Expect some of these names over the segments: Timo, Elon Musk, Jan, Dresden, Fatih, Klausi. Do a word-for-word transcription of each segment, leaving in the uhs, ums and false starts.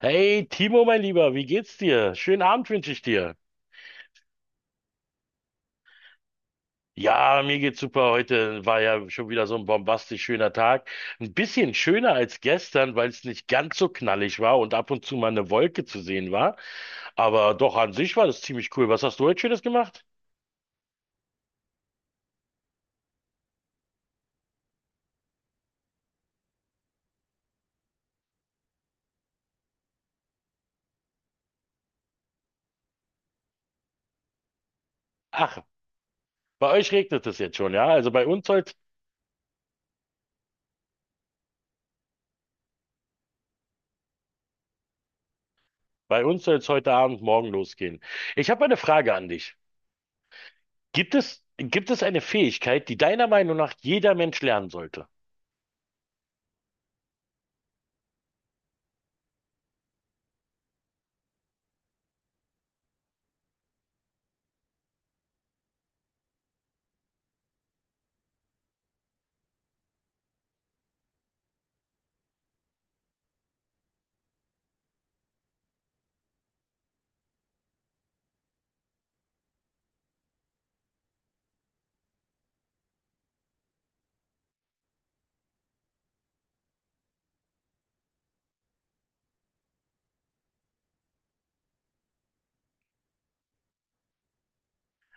Hey Timo, mein Lieber, wie geht's dir? Schönen Abend wünsche ich dir. Ja, mir geht's super. Heute war ja schon wieder so ein bombastisch schöner Tag. Ein bisschen schöner als gestern, weil es nicht ganz so knallig war und ab und zu mal eine Wolke zu sehen war. Aber doch an sich war das ziemlich cool. Was hast du heute Schönes gemacht? Ach, bei euch regnet es jetzt schon, ja? Also bei uns soll's, bei uns soll's heute Abend, morgen losgehen. Ich habe eine Frage an dich. Gibt es, gibt es eine Fähigkeit, die deiner Meinung nach jeder Mensch lernen sollte?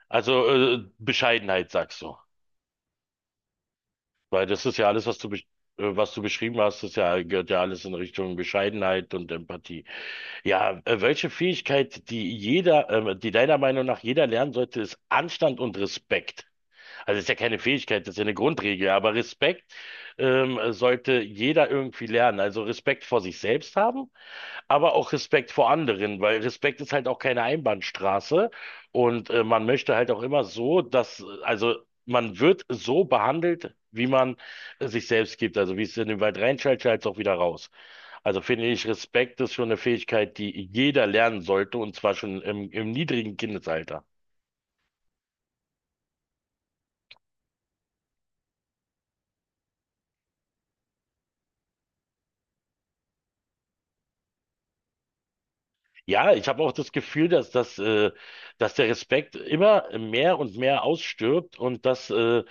Also äh, Bescheidenheit, sagst du. Weil das ist ja alles, was du, besch- äh, was du beschrieben hast, das ja, gehört ja alles in Richtung Bescheidenheit und Empathie. Ja, äh, welche Fähigkeit, die jeder, ähm, die deiner Meinung nach jeder lernen sollte, ist Anstand und Respekt. Also das ist ja keine Fähigkeit, das ist ja eine Grundregel, aber Respekt ähm, sollte jeder irgendwie lernen. Also Respekt vor sich selbst haben, aber auch Respekt vor anderen, weil Respekt ist halt auch keine Einbahnstraße und äh, man möchte halt auch immer so, dass, äh, also man wird so behandelt, wie man äh, sich selbst gibt. Also wie es in den Wald reinschallt, schallt es auch wieder raus. Also finde ich, Respekt ist schon eine Fähigkeit, die jeder lernen sollte, und zwar schon im, im niedrigen Kindesalter. Ja, ich habe auch das Gefühl, dass das, äh, dass der Respekt immer mehr und mehr ausstirbt und dass äh,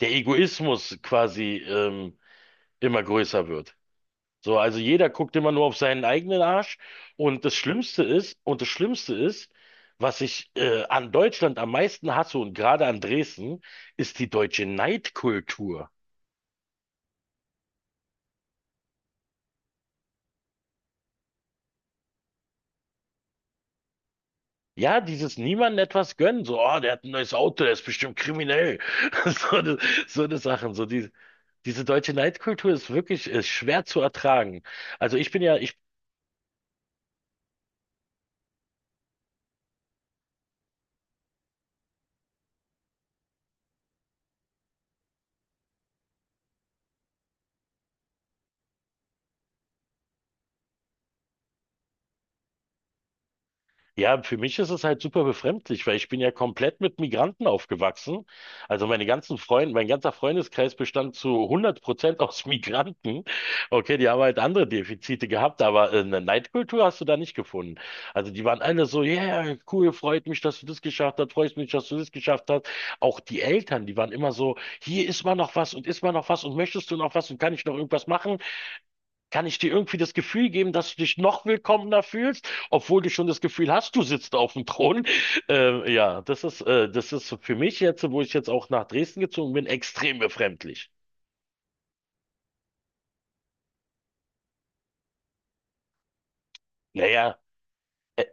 der Egoismus quasi ähm, immer größer wird. So, also jeder guckt immer nur auf seinen eigenen Arsch. Und das Schlimmste ist, und das Schlimmste ist, was ich äh, an Deutschland am meisten hasse und gerade an Dresden, ist die deutsche Neidkultur. Ja, dieses niemandem etwas gönnen, so, oh, der hat ein neues Auto, der ist bestimmt kriminell. So eine, so eine Sachen, so die, diese deutsche Neidkultur ist wirklich ist schwer zu ertragen. Also ich bin ja, ich Ja, für mich ist es halt super befremdlich, weil ich bin ja komplett mit Migranten aufgewachsen. Also meine ganzen Freunde, mein ganzer Freundeskreis bestand zu hundert Prozent aus Migranten. Okay, die haben halt andere Defizite gehabt, aber äh, eine Neidkultur hast du da nicht gefunden. Also die waren alle so, ja, yeah, cool, freut mich, dass du das geschafft hast, freut mich, dass du das geschafft hast. Auch die Eltern, die waren immer so, hier ist mal noch was und ist mal noch was und möchtest du noch was und kann ich noch irgendwas machen? Kann ich dir irgendwie das Gefühl geben, dass du dich noch willkommener fühlst, obwohl du schon das Gefühl hast, du sitzt auf dem Thron? Äh, ja, das ist, äh, das ist für mich jetzt, wo ich jetzt auch nach Dresden gezogen bin, extrem befremdlich. Naja. äh,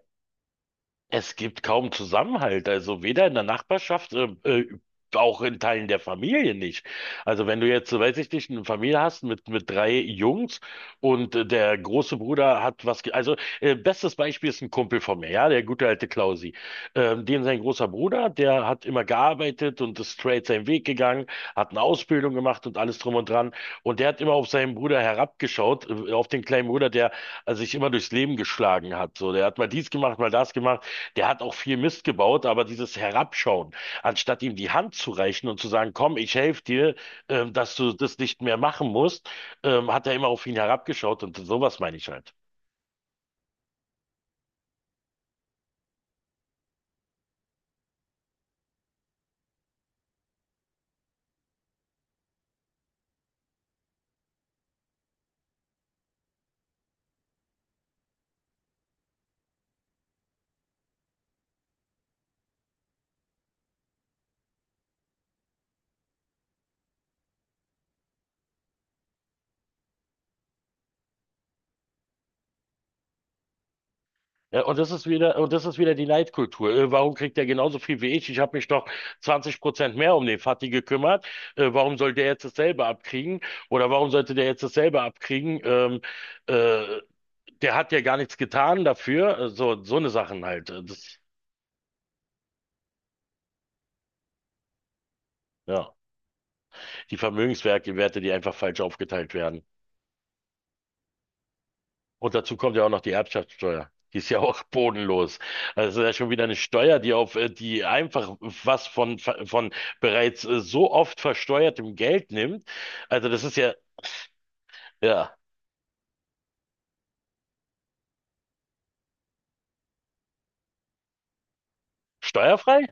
Es gibt kaum Zusammenhalt, also weder in der Nachbarschaft, äh, äh, auch in Teilen der Familie nicht. Also wenn du jetzt, so weiß ich nicht, eine Familie hast mit, mit drei Jungs und äh, der große Bruder hat was, ge- also äh, Bestes Beispiel ist ein Kumpel von mir, ja, der gute alte Klausi. Ähm, dem sein großer Bruder, der hat immer gearbeitet und ist straight seinen Weg gegangen, hat eine Ausbildung gemacht und alles drum und dran. Und der hat immer auf seinen Bruder herabgeschaut, äh, auf den kleinen Bruder, der äh, sich immer durchs Leben geschlagen hat. So, der hat mal dies gemacht, mal das gemacht. Der hat auch viel Mist gebaut, aber dieses Herabschauen, anstatt ihm die Hand zu reichen und zu sagen, komm, ich helfe dir, ähm, dass du das nicht mehr machen musst, ähm, hat er immer auf ihn herabgeschaut, und sowas meine ich halt. Ja, und das ist wieder, und das ist wieder die Neidkultur. Äh, warum kriegt er genauso viel wie ich? Ich habe mich doch zwanzig Prozent mehr um den Fatih gekümmert. Äh, warum soll der jetzt dasselbe abkriegen? Oder warum sollte der jetzt dasselbe abkriegen? Ähm, äh, der hat ja gar nichts getan dafür. Äh, So, so eine Sachen halt. Äh, Das, ja. Die Vermögenswerte, die einfach falsch aufgeteilt werden. Und dazu kommt ja auch noch die Erbschaftssteuer. Die ist ja auch bodenlos. Also das ist ja schon wieder eine Steuer, die auf, äh, die einfach was von, von bereits äh, so oft versteuertem Geld nimmt. Also das ist ja. Ja, steuerfrei?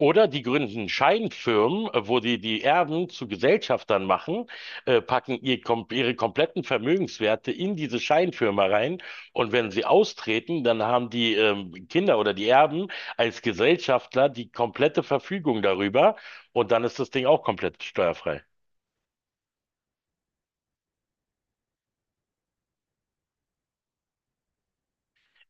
Oder die gründen Scheinfirmen, äh, wo die die Erben zu Gesellschaftern machen, äh, packen ihr, kom ihre kompletten Vermögenswerte in diese Scheinfirma rein, und wenn sie austreten, dann haben die ähm, Kinder oder die Erben als Gesellschafter die komplette Verfügung darüber, und dann ist das Ding auch komplett steuerfrei.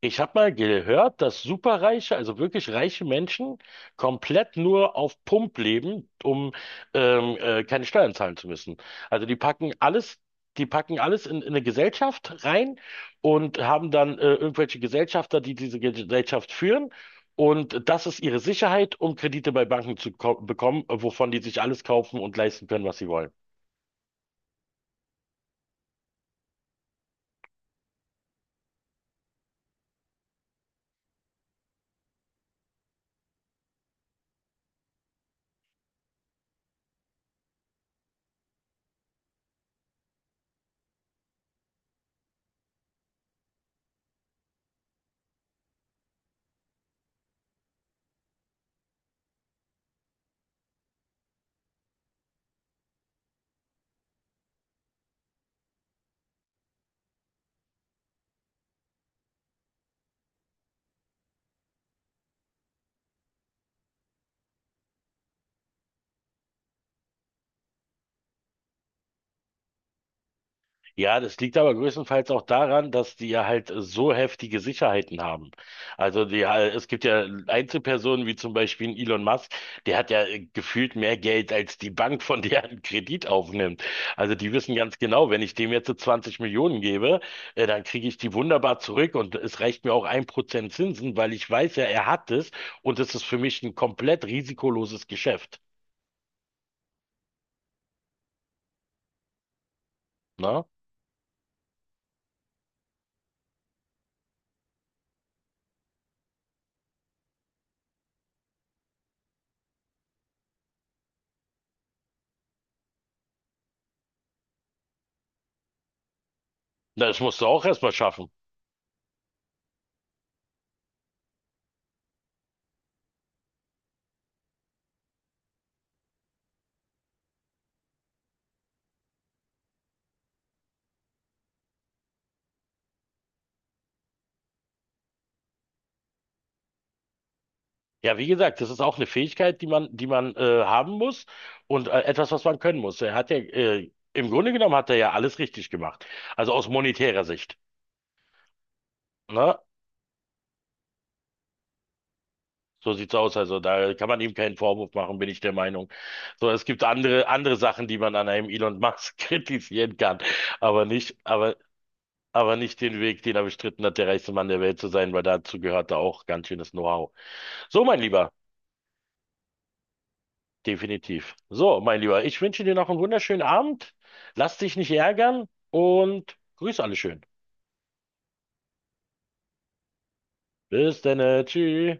Ich habe mal gehört, dass superreiche, also wirklich reiche Menschen komplett nur auf Pump leben, um ähm, äh, keine Steuern zahlen zu müssen. Also die packen alles, die packen alles in, in eine Gesellschaft rein und haben dann äh, irgendwelche Gesellschafter, die diese Gesellschaft führen. Und das ist ihre Sicherheit, um Kredite bei Banken zu ko- bekommen, äh, wovon die sich alles kaufen und leisten können, was sie wollen. Ja, das liegt aber größtenteils auch daran, dass die ja halt so heftige Sicherheiten haben. Also die, äh, es gibt ja Einzelpersonen wie zum Beispiel ein Elon Musk, der hat ja äh, gefühlt mehr Geld als die Bank, von der er einen Kredit aufnimmt. Also die wissen ganz genau, wenn ich dem jetzt so zwanzig Millionen gebe, äh, dann kriege ich die wunderbar zurück, und es reicht mir auch ein Prozent Zinsen, weil ich weiß ja, er hat es, und es ist für mich ein komplett risikoloses Geschäft. Ne? Na, das musst du auch erstmal schaffen. Ja, wie gesagt, das ist auch eine Fähigkeit, die man, die man äh, haben muss und äh, etwas, was man können muss. Er hat ja, äh, im Grunde genommen hat er ja alles richtig gemacht. Also aus monetärer Sicht. Ne? So sieht's aus. Also da kann man ihm keinen Vorwurf machen, bin ich der Meinung. So, es gibt andere, andere Sachen, die man an einem Elon Musk kritisieren kann. Aber nicht, aber, aber nicht den Weg, den er bestritten hat, der reichste Mann der Welt zu sein, weil dazu gehört da auch ganz schönes Know-how. So, mein Lieber. Definitiv. So, mein Lieber, ich wünsche dir noch einen wunderschönen Abend. Lass dich nicht ärgern und grüß alle schön. Bis dann, äh, tschüss.